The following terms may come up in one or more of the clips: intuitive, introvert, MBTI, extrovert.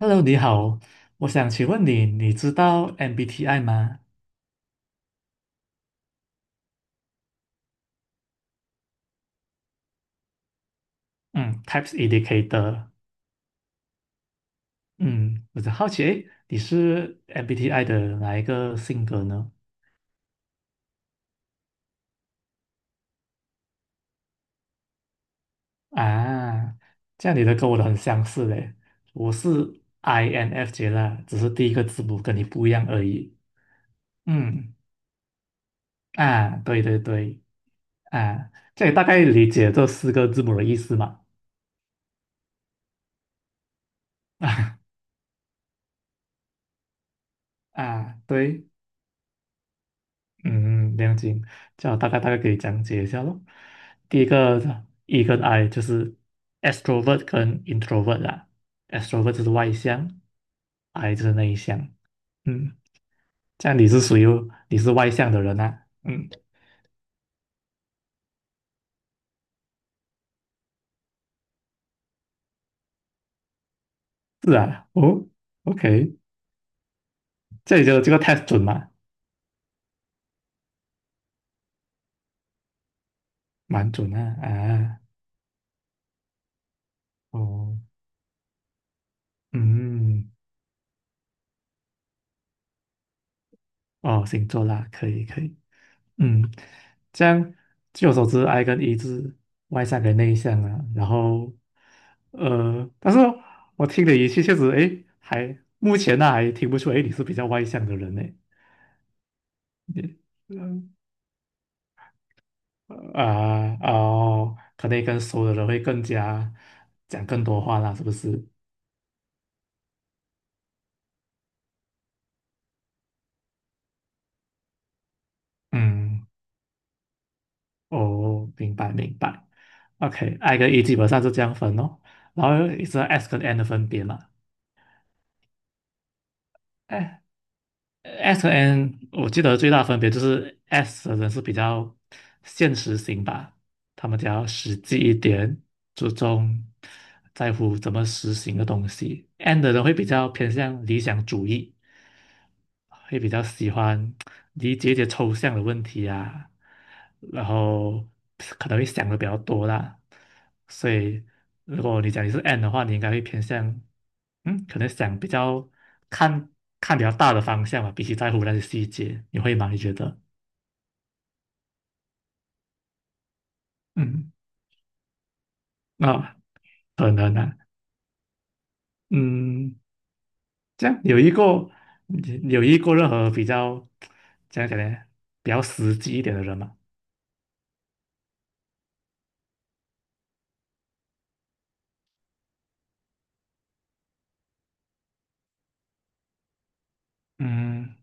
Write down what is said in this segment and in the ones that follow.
Hello，你好，我想请问你，你知道 MBTI 吗？嗯，Types Indicator。嗯，我就好奇，诶，你是 MBTI 的哪一个性格呢？啊，这样你的跟我的很相似嘞，我是 INFJ 啦，只是第一个字母跟你不一样而已。嗯，啊，对对对，啊，这也大概理解这四个字母的意思嘛？啊啊，对，嗯，了解，这样我大概给你讲解一下咯。第一个 E 跟 I 就是 extrovert 跟 introvert 啦，extrovert 就是外向，I 就是内向。嗯，这样你是外向的人啊？嗯，是啊，哦，OK，这里就这个 test 准吗？蛮准啊，啊，哦，嗯，哦，星座啦，可以可以。嗯，这样据我所知，I 跟 E 是外向跟内向啊。然后，但是我听你语气确实，诶，还目前呢、还听不出，诶，你是比较外向的人呢。你嗯啊哦，可能跟熟的人会更加讲更多话啦，是不是？嗯，哦，明白明白。OK，I 跟 E 基本上是这样分哦，然后是 S 跟 N 的分别嘛。S 和 N 我记得最大分别就是 S 的人是比较现实型吧，他们比较实际一点，注重在乎怎么实行的东西。N 的人会比较偏向理想主义，会比较喜欢理解一些抽象的问题啊，然后可能会想的比较多啦。所以，如果你讲你是 N 的话，你应该会偏向，嗯，可能想比较看看比较大的方向吧，比起在乎那些细节，你会吗？你觉得？嗯，啊，可能啊，嗯，这样有一个任何比较怎样讲呢，比较实际一点的人嘛，嗯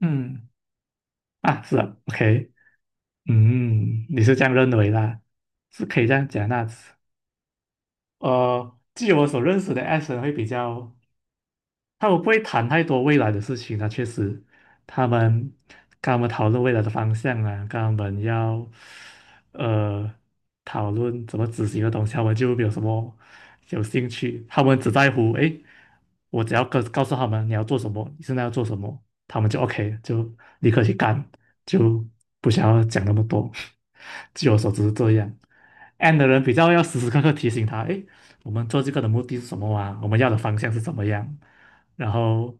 嗯啊，是啊，OK。嗯，你是这样认为啦，是可以这样讲那，据我所认识的 S 人会比较，他们不会谈太多未来的事情啊，确实，他们跟他们讨论未来的方向啊，跟他们要呃讨论怎么执行的东西，他们就没有什么有兴趣，他们只在乎诶我只要告诉他们你要做什么，你现在要做什么，他们就 OK，就立刻去干，就不想要讲那么多。据我所知是这样，N a 的人比较要时时刻刻提醒他，诶，我们做这个的目的是什么啊？我们要的方向是怎么样？然后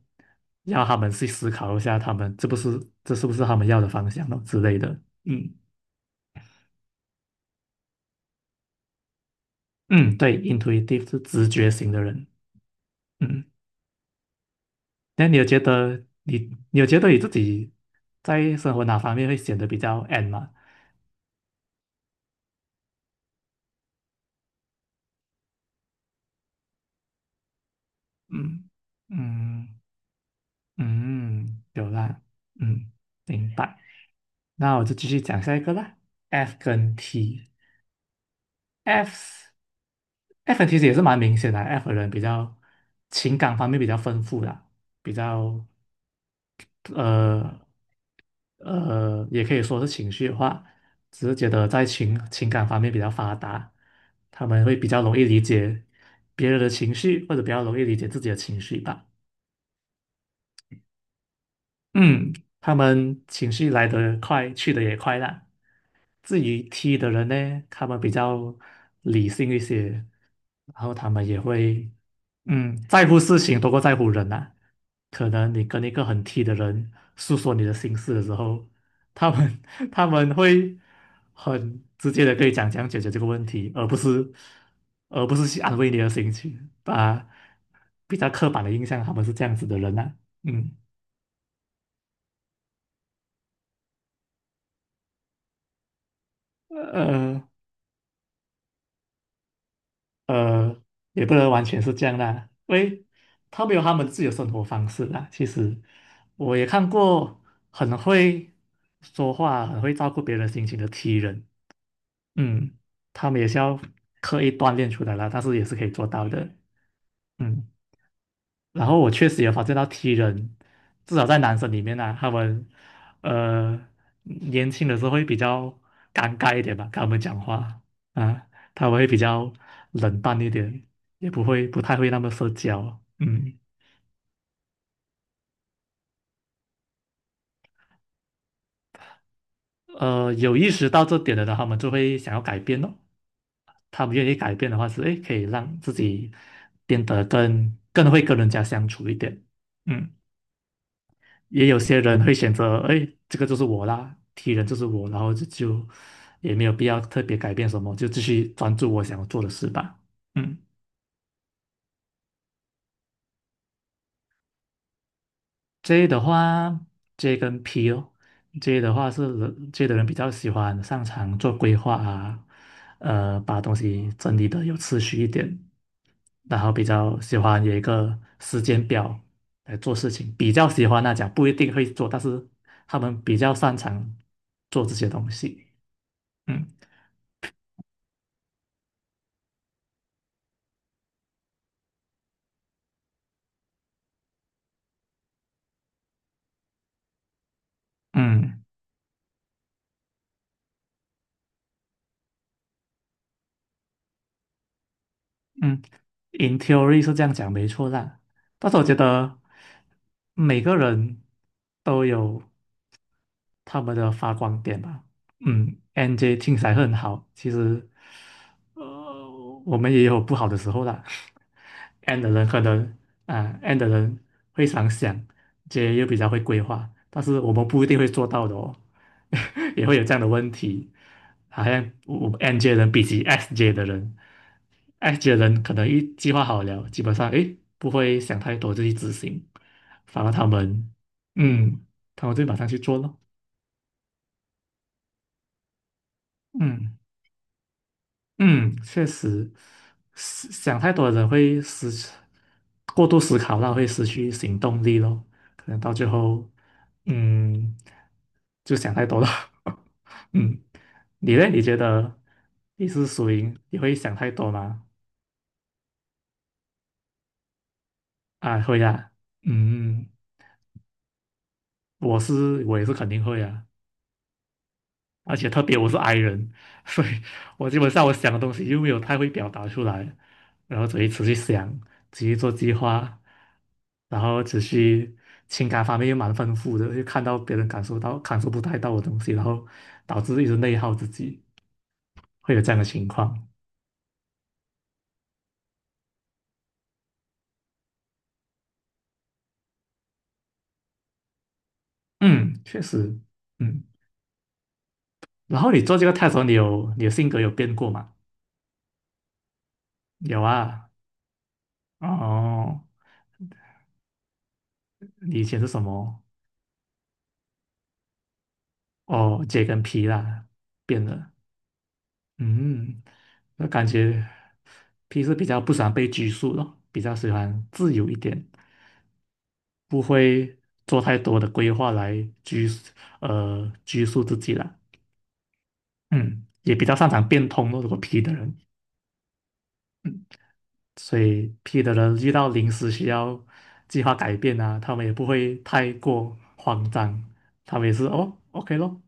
要他们去思考一下，他们这是不是他们要的方向咯之类的。嗯嗯，对，intuitive 是直觉型的人。嗯。那你有觉得你你有觉得你自己在生活哪方面会显得比较 N 吗？嗯嗯嗯，有啦，嗯，明白。那我就继续讲下一个啦。F 跟 T，F F 跟 T 其实也是蛮明显的啊，F 的人比较情感方面比较丰富啦，比较呃也可以说是情绪化，只是觉得在情感方面比较发达，他们会比较容易理解别人的情绪，或者比较容易理解自己的情绪吧。嗯，他们情绪来得快，去得也快啦。至于 T 的人呢，他们比较理性一些，然后他们也会，嗯，在乎事情多过在乎人呐、可能你跟一个很 T 的人诉说你的心事的时候，他们 他们会很直接的跟你讲怎样解决这个问题，而不是去安慰你的心情，把比较刻板的印象他们是这样子的人呐、嗯，呃。呃，也不能完全是这样啦，因为他们有他们自己的生活方式啦。其实我也看过很会说话、很会照顾别人心情的 T 人，嗯，他们也是要刻意锻炼出来啦，但是也是可以做到的，嗯。然后我确实也发现到 T 人，至少在男生里面呢、啊他们呃年轻的时候会比较尴尬一点吧，跟他们讲话啊，他们会比较冷淡一点，也不会不太会那么社交。嗯，有意识到这点的呢，他们就会想要改变咯。他们愿意改变的话是，诶，可以让自己变得更会跟人家相处一点。嗯。也有些人会选择，哎，这个就是我啦，T 人就是我，然后就也没有必要特别改变什么，就继续专注我想要做的事吧。嗯，J 的话，J 跟 P 哦，J 的人比较喜欢擅长做规划啊，把东西整理的有次序一点，然后比较喜欢有一个时间表来做事情，比较喜欢那讲不一定会做，但是他们比较擅长做这些东西。嗯。嗯嗯，in theory 是这样讲没错啦，但是我觉得每个人都有他们的发光点吧。嗯，NJ 听起来很好，其实呃我们也有不好的时候啦。N 的人可能N 的人会常想，J 又比较会规划，但是我们不一定会做到的哦，也会有这样的问题。好像我 NJ 人比起 SJ 的人。I 觉得人可能一计划好了，基本上诶不会想太多就去执行，反而嗯，他们就马上去做咯。嗯嗯，确实，思想太多的人会失去过度思考，那会失去行动力咯。可能到最后，嗯，就想太多了。嗯，你呢？你觉得你是属于你会想太多吗？啊，会啊。嗯，我也是肯定会啊。而且特别我是 i 人，所以我基本上我想的东西又没有太会表达出来，然后所以持续想，持续做计划，然后持续情感方面又蛮丰富的，又看到别人感受不太到的东西，然后导致一直内耗自己，会有这样的情况。嗯，确实，嗯。然后你做这个 t e s 你的性格有变过吗？有啊，哦，你以前是什么？哦，J 跟 P 啦，变了。嗯，那感觉 P 是比较不喜欢被拘束的，比较喜欢自由一点，不会做太多的规划来拘束自己了。嗯，也比较擅长变通咯，如果 P 的人，嗯，所以 P 的人遇到临时需要计划改变啊，他们也不会太过慌张，他们也是哦，OK 咯，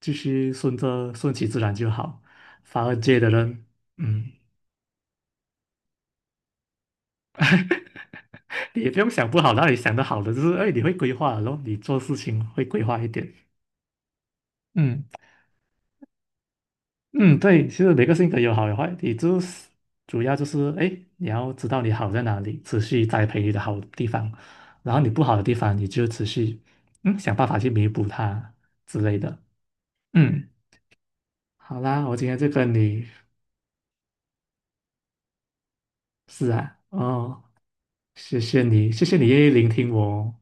继续顺其自然就好。反而 J 的人，嗯。也不用想不好，然后你想的好的就是，哎，你会规划了咯，然后你做事情会规划一点。嗯嗯，对，其实每个性格有好有坏，你就是主要就是，哎，你要知道你好在哪里，持续栽培你的好地方，然后你不好的地方，你就持续想办法去弥补它之类的。嗯，好啦，我今天就跟你是啊，哦，谢谢你，谢谢你愿意聆听我哦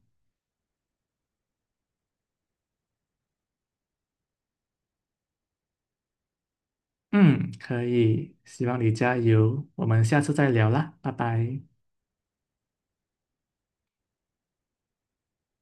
嗯，可以，希望你加油，我们下次再聊啦，拜拜。